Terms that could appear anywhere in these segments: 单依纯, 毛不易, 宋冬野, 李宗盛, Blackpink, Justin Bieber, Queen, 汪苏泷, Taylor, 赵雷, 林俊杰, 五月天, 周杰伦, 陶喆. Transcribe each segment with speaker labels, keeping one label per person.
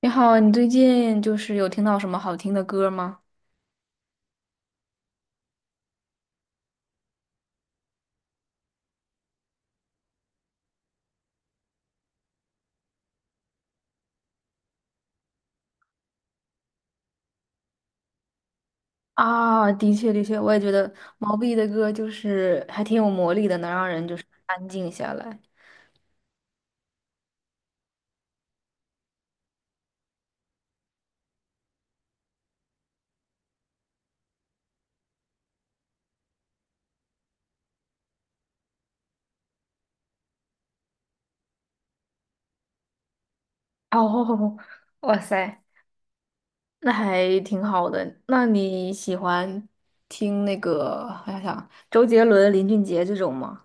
Speaker 1: 你好，你最近就是有听到什么好听的歌吗？啊，的确，的确，我也觉得毛不易的歌就是还挺有魔力的，能让人就是安静下来。哦，哇塞，那还挺好的。那你喜欢听那个，我想想，周杰伦、林俊杰这种吗？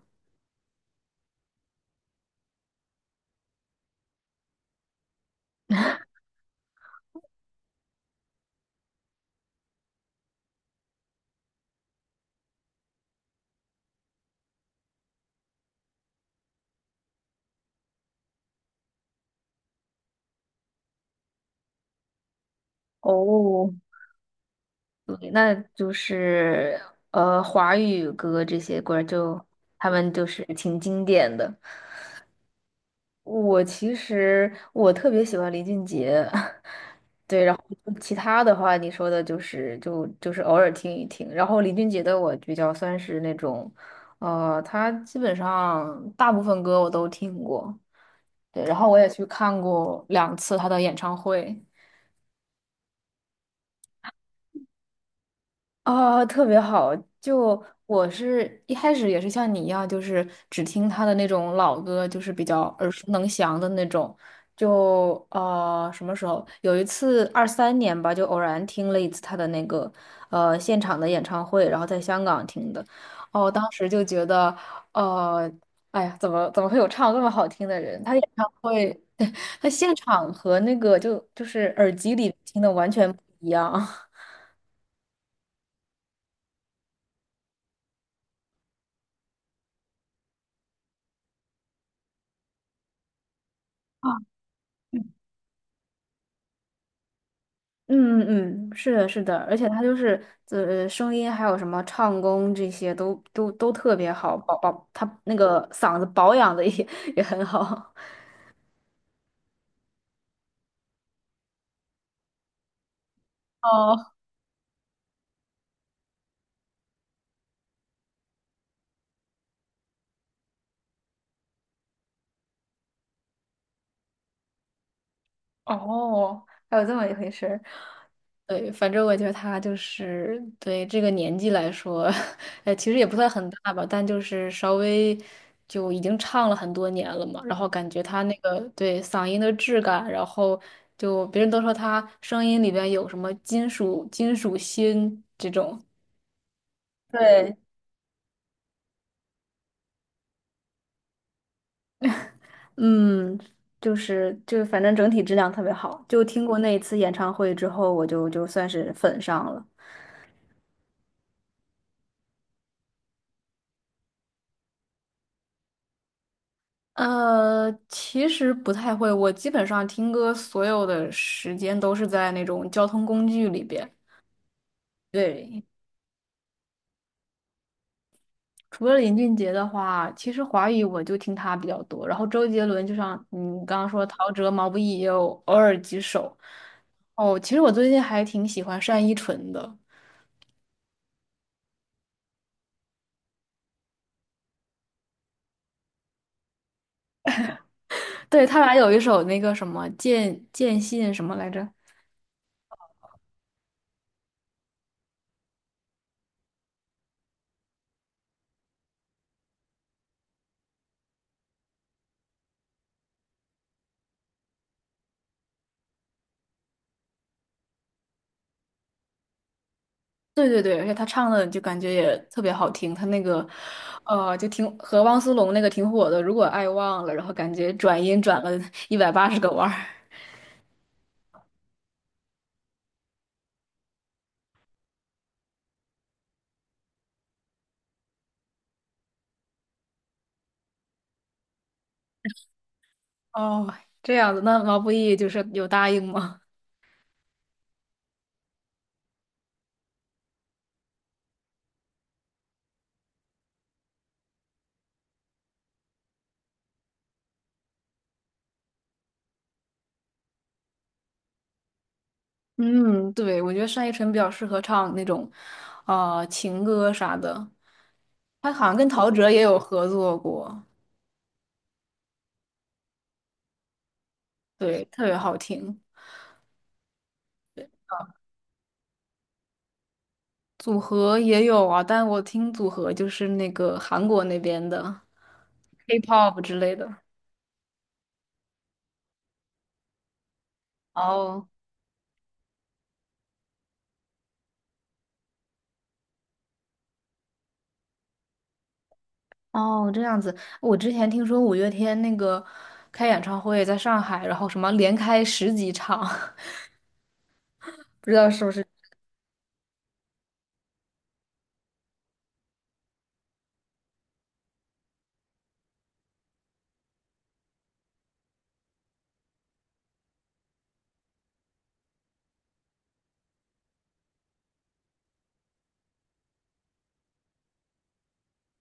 Speaker 1: 哦，对那就是华语歌这些歌儿就他们就是挺经典的。我其实特别喜欢林俊杰，对，然后其他的话你说的就是偶尔听一听，然后林俊杰的我比较算是那种，他基本上大部分歌我都听过，对，然后我也去看过2次他的演唱会，啊，特别好！就我是一开始也是像你一样，就是只听他的那种老歌，就是比较耳熟能详的那种。就什么时候有一次23年吧，就偶然听了一次他的那个现场的演唱会，然后在香港听的。哦，当时就觉得，呃，哎呀，怎么会有唱那么好听的人？他演唱会，他现场和那个就是耳机里听的完全不一样。啊！嗯嗯嗯，是的，是的，而且他就是声音还有什么唱功这些都特别好，他那个嗓子保养的也 也很好，哦哦，还有这么一回事儿对，反正我觉得他就是对这个年纪来说，其实也不算很大吧，但就是稍微就已经唱了很多年了嘛，然后感觉他那个对嗓音的质感，然后就别人都说他声音里边有什么金属心这种，对，嗯，就是反正整体质量特别好，就听过那一次演唱会之后，我就算是粉上了。其实不太会，我基本上听歌所有的时间都是在那种交通工具里边。对，除了林俊杰的话，其实华语我就听他比较多，然后周杰伦就像你刚刚说，陶喆、毛不易也有偶尔几首。哦，其实我最近还挺喜欢单依纯的，对，他俩有一首那个什么《见见信》什么来着？对对对，而且他唱的就感觉也特别好听，他那个，就挺和汪苏泷那个挺火的，《如果爱忘了》，然后感觉转音转了 180个弯儿。哦，这样子，那毛不易就是有答应吗？嗯，对，我觉得单依纯比较适合唱那种，啊，情歌啥的。他好像跟陶喆也有合作过，对，特别好听。组合也有啊，但我听组合就是那个韩国那边的 K-pop 之类的。哦。哦，这样子，我之前听说五月天那个开演唱会在上海，然后什么连开十几场，不知道是不是。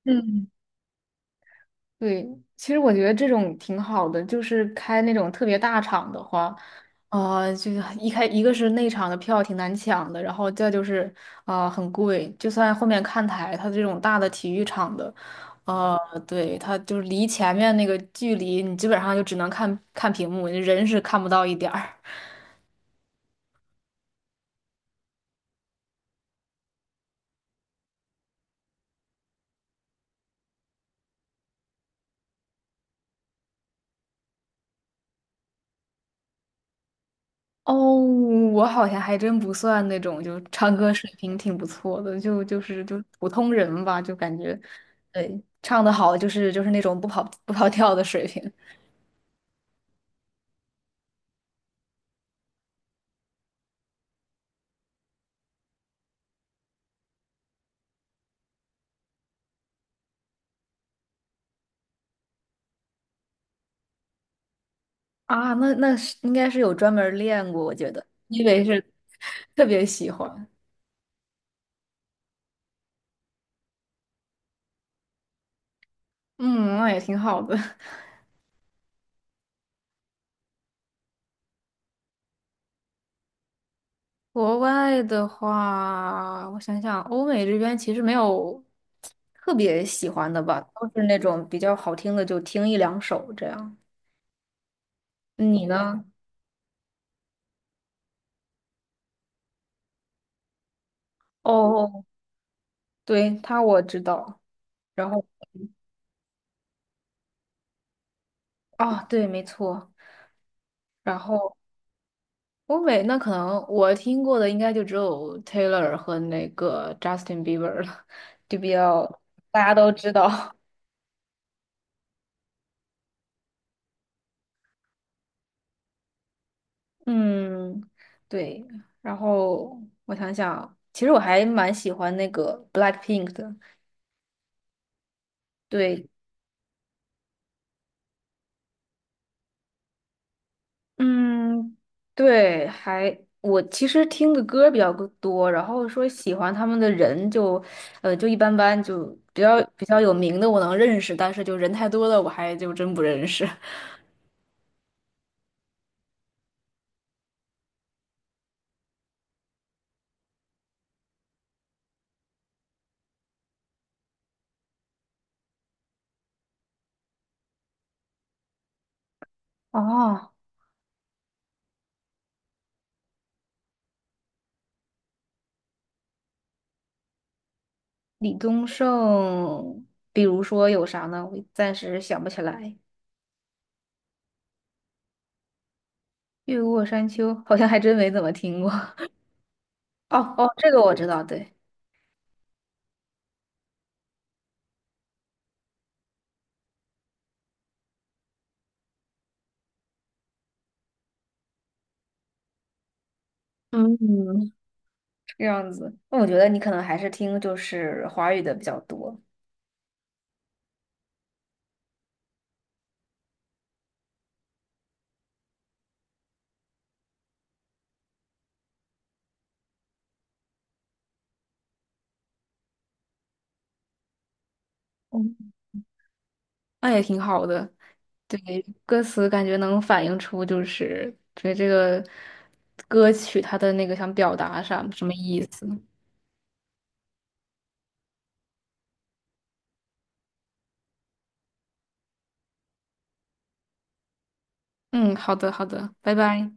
Speaker 1: 嗯，对，其实我觉得这种挺好的，就是开那种特别大场的话，啊，就是一个是内场的票挺难抢的，然后再就是啊很贵，就算后面看台，它这种大的体育场的，啊，对，它就是离前面那个距离，你基本上就只能看看屏幕，人是看不到一点儿。哦，我好像还真不算那种，就唱歌水平挺不错的，就是普通人吧，就感觉，对，唱得好就是那种不跑调的水平啊，那是应该是有专门儿练过，我觉得，因为是特别喜欢，嗯，那也挺好的。国外的话，我想想，欧美这边其实没有特别喜欢的吧，都是那种比较好听的，就听一两首这样。你呢？哦，对，他我知道。然后啊，对，没错。然后欧美那可能我听过的应该就只有 Taylor 和那个 Justin Bieber 了，就比较大家都知道。嗯，对。然后我想想，其实我还蛮喜欢那个 Blackpink 的。对，嗯，对，还我其实听的歌比较个多，然后说喜欢他们的人就，就一般般，就比较有名的我能认识，但是就人太多了，我还就真不认识。哦，李宗盛，比如说有啥呢？我暂时想不起来。越过山丘好像还真没怎么听过。哦哦，这个我知道，对，嗯，这样子。那我觉得你可能还是听就是华语的比较多。嗯，那也挺好的。对，歌词感觉能反映出就是对这个歌曲它的那个想表达啥什么意思。嗯，好的，好的，拜拜。